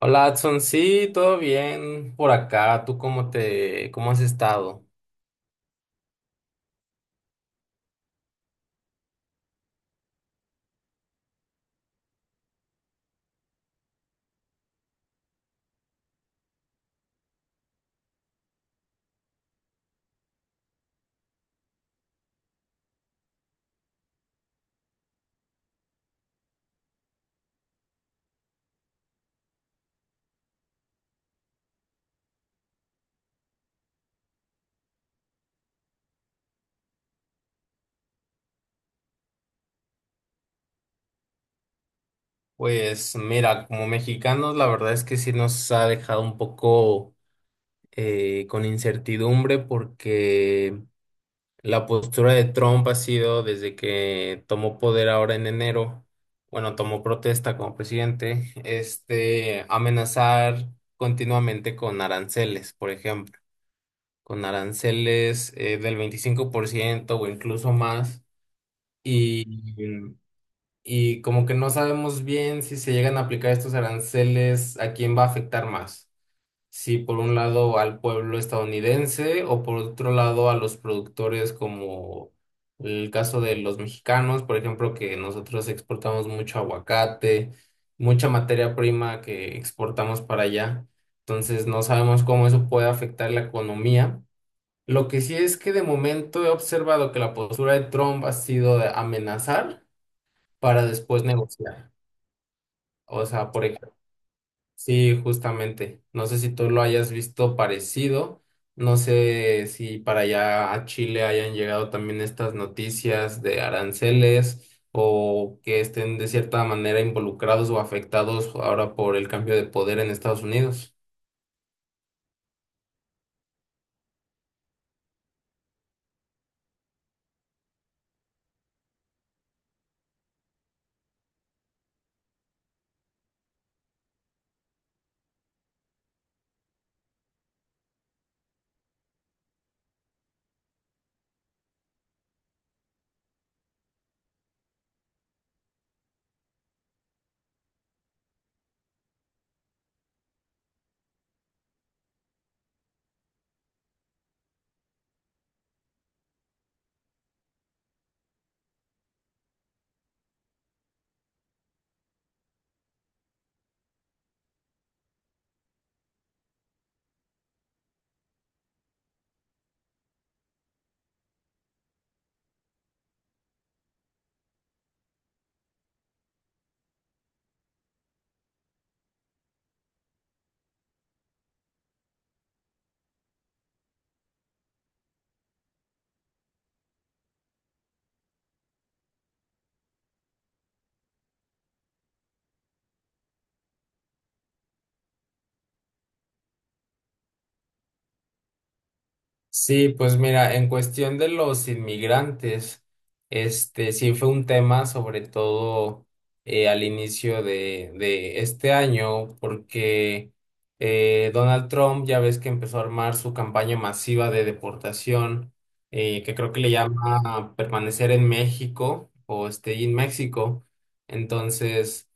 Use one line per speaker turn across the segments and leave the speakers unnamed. Hola, Adson, sí, todo bien por acá. ¿Tú cómo cómo has estado? Pues mira, como mexicanos, la verdad es que sí nos ha dejado un poco con incertidumbre porque la postura de Trump ha sido desde que tomó poder ahora en enero. Bueno, tomó protesta como presidente, amenazar continuamente con aranceles, por ejemplo, con aranceles del 25% o incluso más y, y como que no sabemos bien si se llegan a aplicar estos aranceles. ¿A quién va a afectar más? Si por un lado al pueblo estadounidense o por otro lado a los productores como el caso de los mexicanos, por ejemplo, que nosotros exportamos mucho aguacate, mucha materia prima que exportamos para allá. Entonces no sabemos cómo eso puede afectar la economía. Lo que sí es que de momento he observado que la postura de Trump ha sido de amenazar para después negociar. O sea, por ejemplo, sí, justamente. No sé si tú lo hayas visto parecido. No sé si para allá a Chile hayan llegado también estas noticias de aranceles o que estén de cierta manera involucrados o afectados ahora por el cambio de poder en Estados Unidos. Sí, pues mira, en cuestión de los inmigrantes, este sí fue un tema, sobre todo al inicio de este año, porque Donald Trump ya ves que empezó a armar su campaña masiva de deportación, que creo que le Sí. llama permanecer en México o stay in México. Entonces,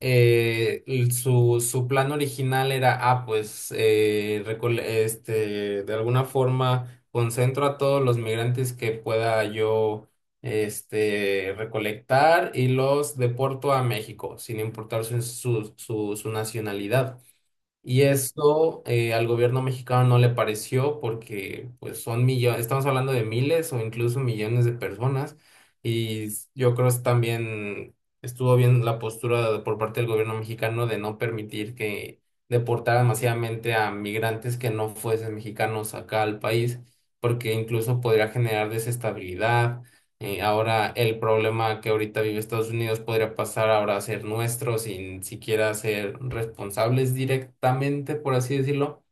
su, su plan original era, ah, pues, de alguna forma concentro a todos los migrantes que pueda yo, este, recolectar y los deporto a México, sin importar su nacionalidad. Y esto al gobierno mexicano no le pareció porque pues son millones, estamos hablando de miles o incluso millones de personas yo creo que también estuvo bien la postura de- por parte del gobierno mexicano de no permitir que deportaran masivamente a migrantes que no fuesen mexicanos acá al país porque incluso podría generar desestabilidad ahora el problema que ahorita vive Estados Unidos podría pasar ahora a ser nuestro sin siquiera ser responsables directamente, por así decirlo.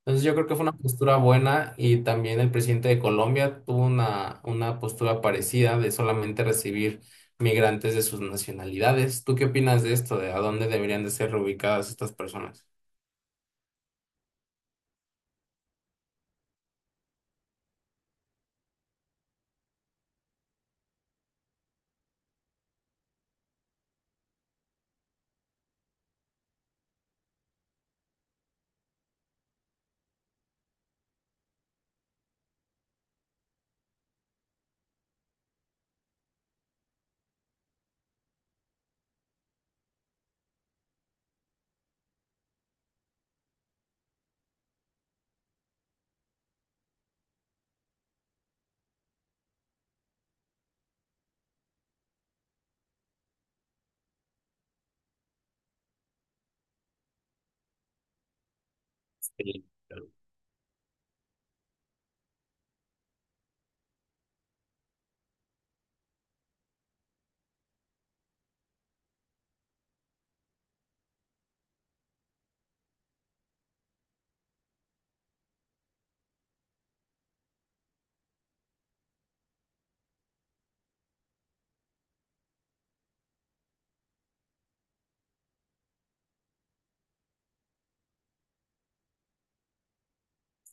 Entonces yo creo que fue una postura buena y también el presidente de Colombia tuvo una postura parecida de solamente recibir migrantes de sus nacionalidades. ¿Tú qué opinas de esto? ¿De a dónde deberían de ser reubicadas estas personas? Sí.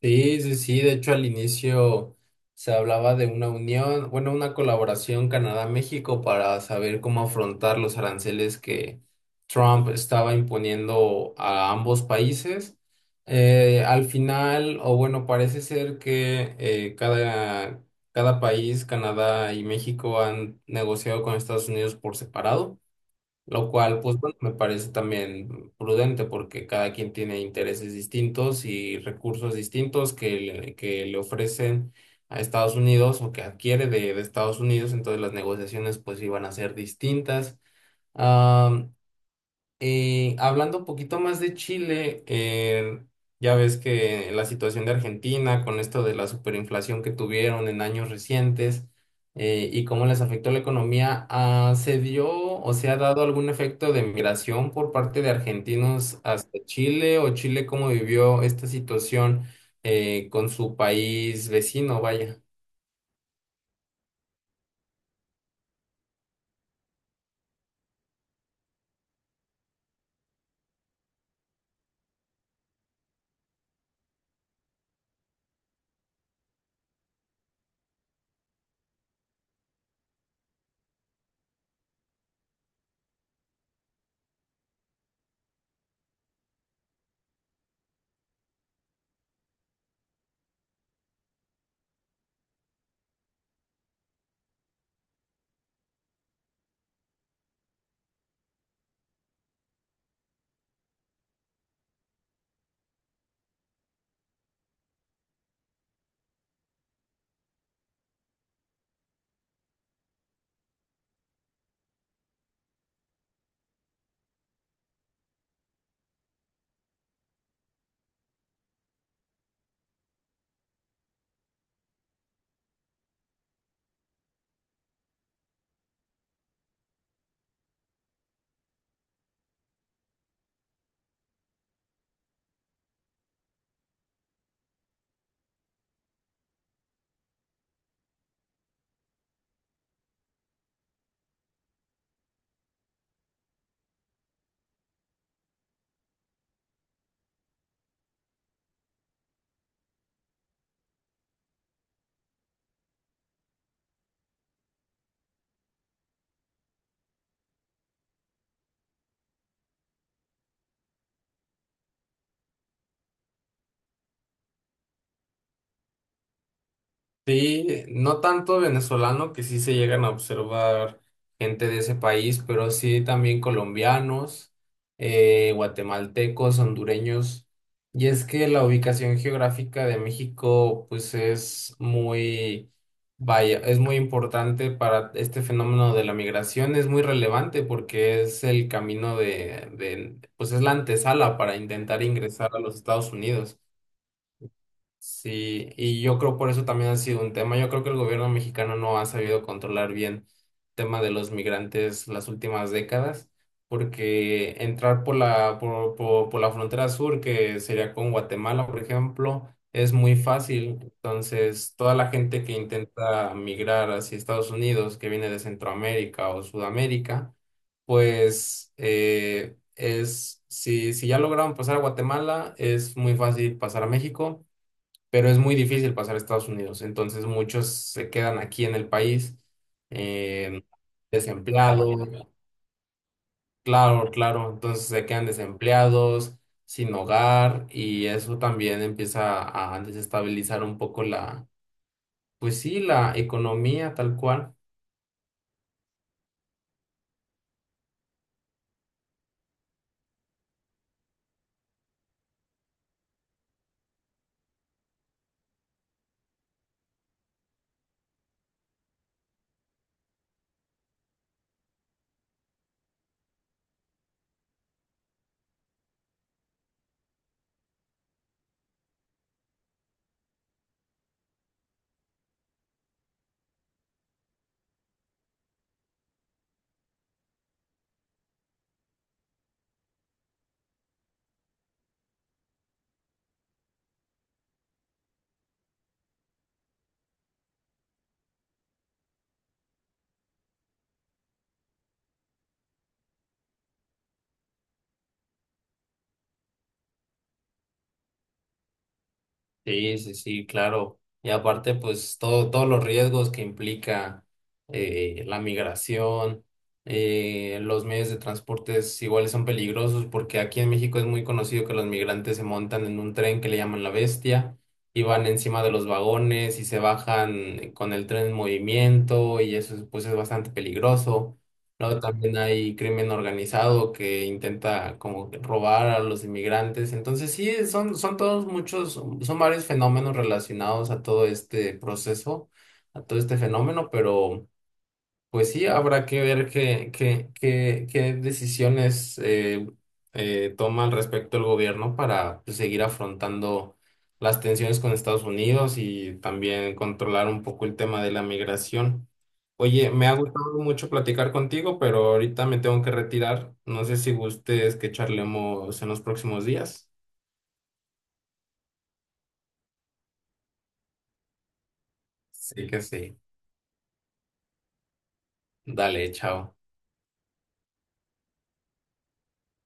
Sí, sí, sí. De hecho, al inicio se hablaba de una unión, bueno, una colaboración Canadá-México para saber cómo afrontar los aranceles que Trump estaba imponiendo a ambos países. Al final, o bueno, parece ser que cada país, Canadá y México, han negociado con Estados Unidos por separado. Lo cual, pues bueno, me parece también prudente porque cada quien tiene intereses distintos y recursos distintos que le ofrecen a Estados Unidos o que adquiere de Estados Unidos, entonces las negociaciones pues iban a ser distintas. Y hablando un poquito más de Chile, ya ves que la situación de Argentina con esto de la superinflación que tuvieron en años recientes y cómo les afectó la economía, ah, ¿se dio o se ha dado algún efecto de migración por parte de argentinos hacia Chile o Chile cómo vivió esta situación con su país vecino? Vaya. Sí, no tanto venezolano, que sí se llegan a observar gente de ese país, pero sí también colombianos, guatemaltecos, hondureños. Y es que la ubicación geográfica de México, pues es muy, vaya, es muy importante para este fenómeno de la migración, es muy relevante porque es el camino pues es la antesala para intentar ingresar a los Estados Unidos. Sí, y yo creo por eso también ha sido un tema. Yo creo que el gobierno mexicano no ha sabido controlar bien el tema de los migrantes las últimas décadas, porque entrar por por la frontera sur, que sería con Guatemala, por ejemplo, es muy fácil. Entonces, toda la gente que intenta migrar hacia Estados Unidos, que viene de Centroamérica o Sudamérica, pues es, si, si ya lograron pasar a Guatemala, es muy fácil pasar a México, pero es muy difícil pasar a Estados Unidos. Entonces muchos se quedan aquí en el país, eh, desempleados, claro, claro, entonces se quedan desempleados, sin hogar y eso también empieza a desestabilizar un poco la, pues sí, la economía tal cual. Sí, sí, sí, claro. Y aparte, pues todo, todos los riesgos que implica la migración, los medios de transporte iguales son peligrosos porque aquí en México es muy conocido que los migrantes se montan en un tren que le llaman la bestia y van encima de los vagones y se bajan con el tren en movimiento y eso es, pues es bastante peligroso. Luego también hay crimen organizado que intenta como que robar a los inmigrantes. Entonces sí, son todos muchos, son varios fenómenos relacionados a todo este proceso, a todo este fenómeno, pero... Pues sí, habrá que ver qué decisiones toma al respecto el gobierno para pues, seguir afrontando las tensiones con Estados Unidos y también controlar un poco el tema de la migración. Oye, me ha gustado mucho platicar contigo, pero ahorita me tengo que retirar. No sé si gustes que charlemos en los próximos días. Sí que sí. Dale, chao.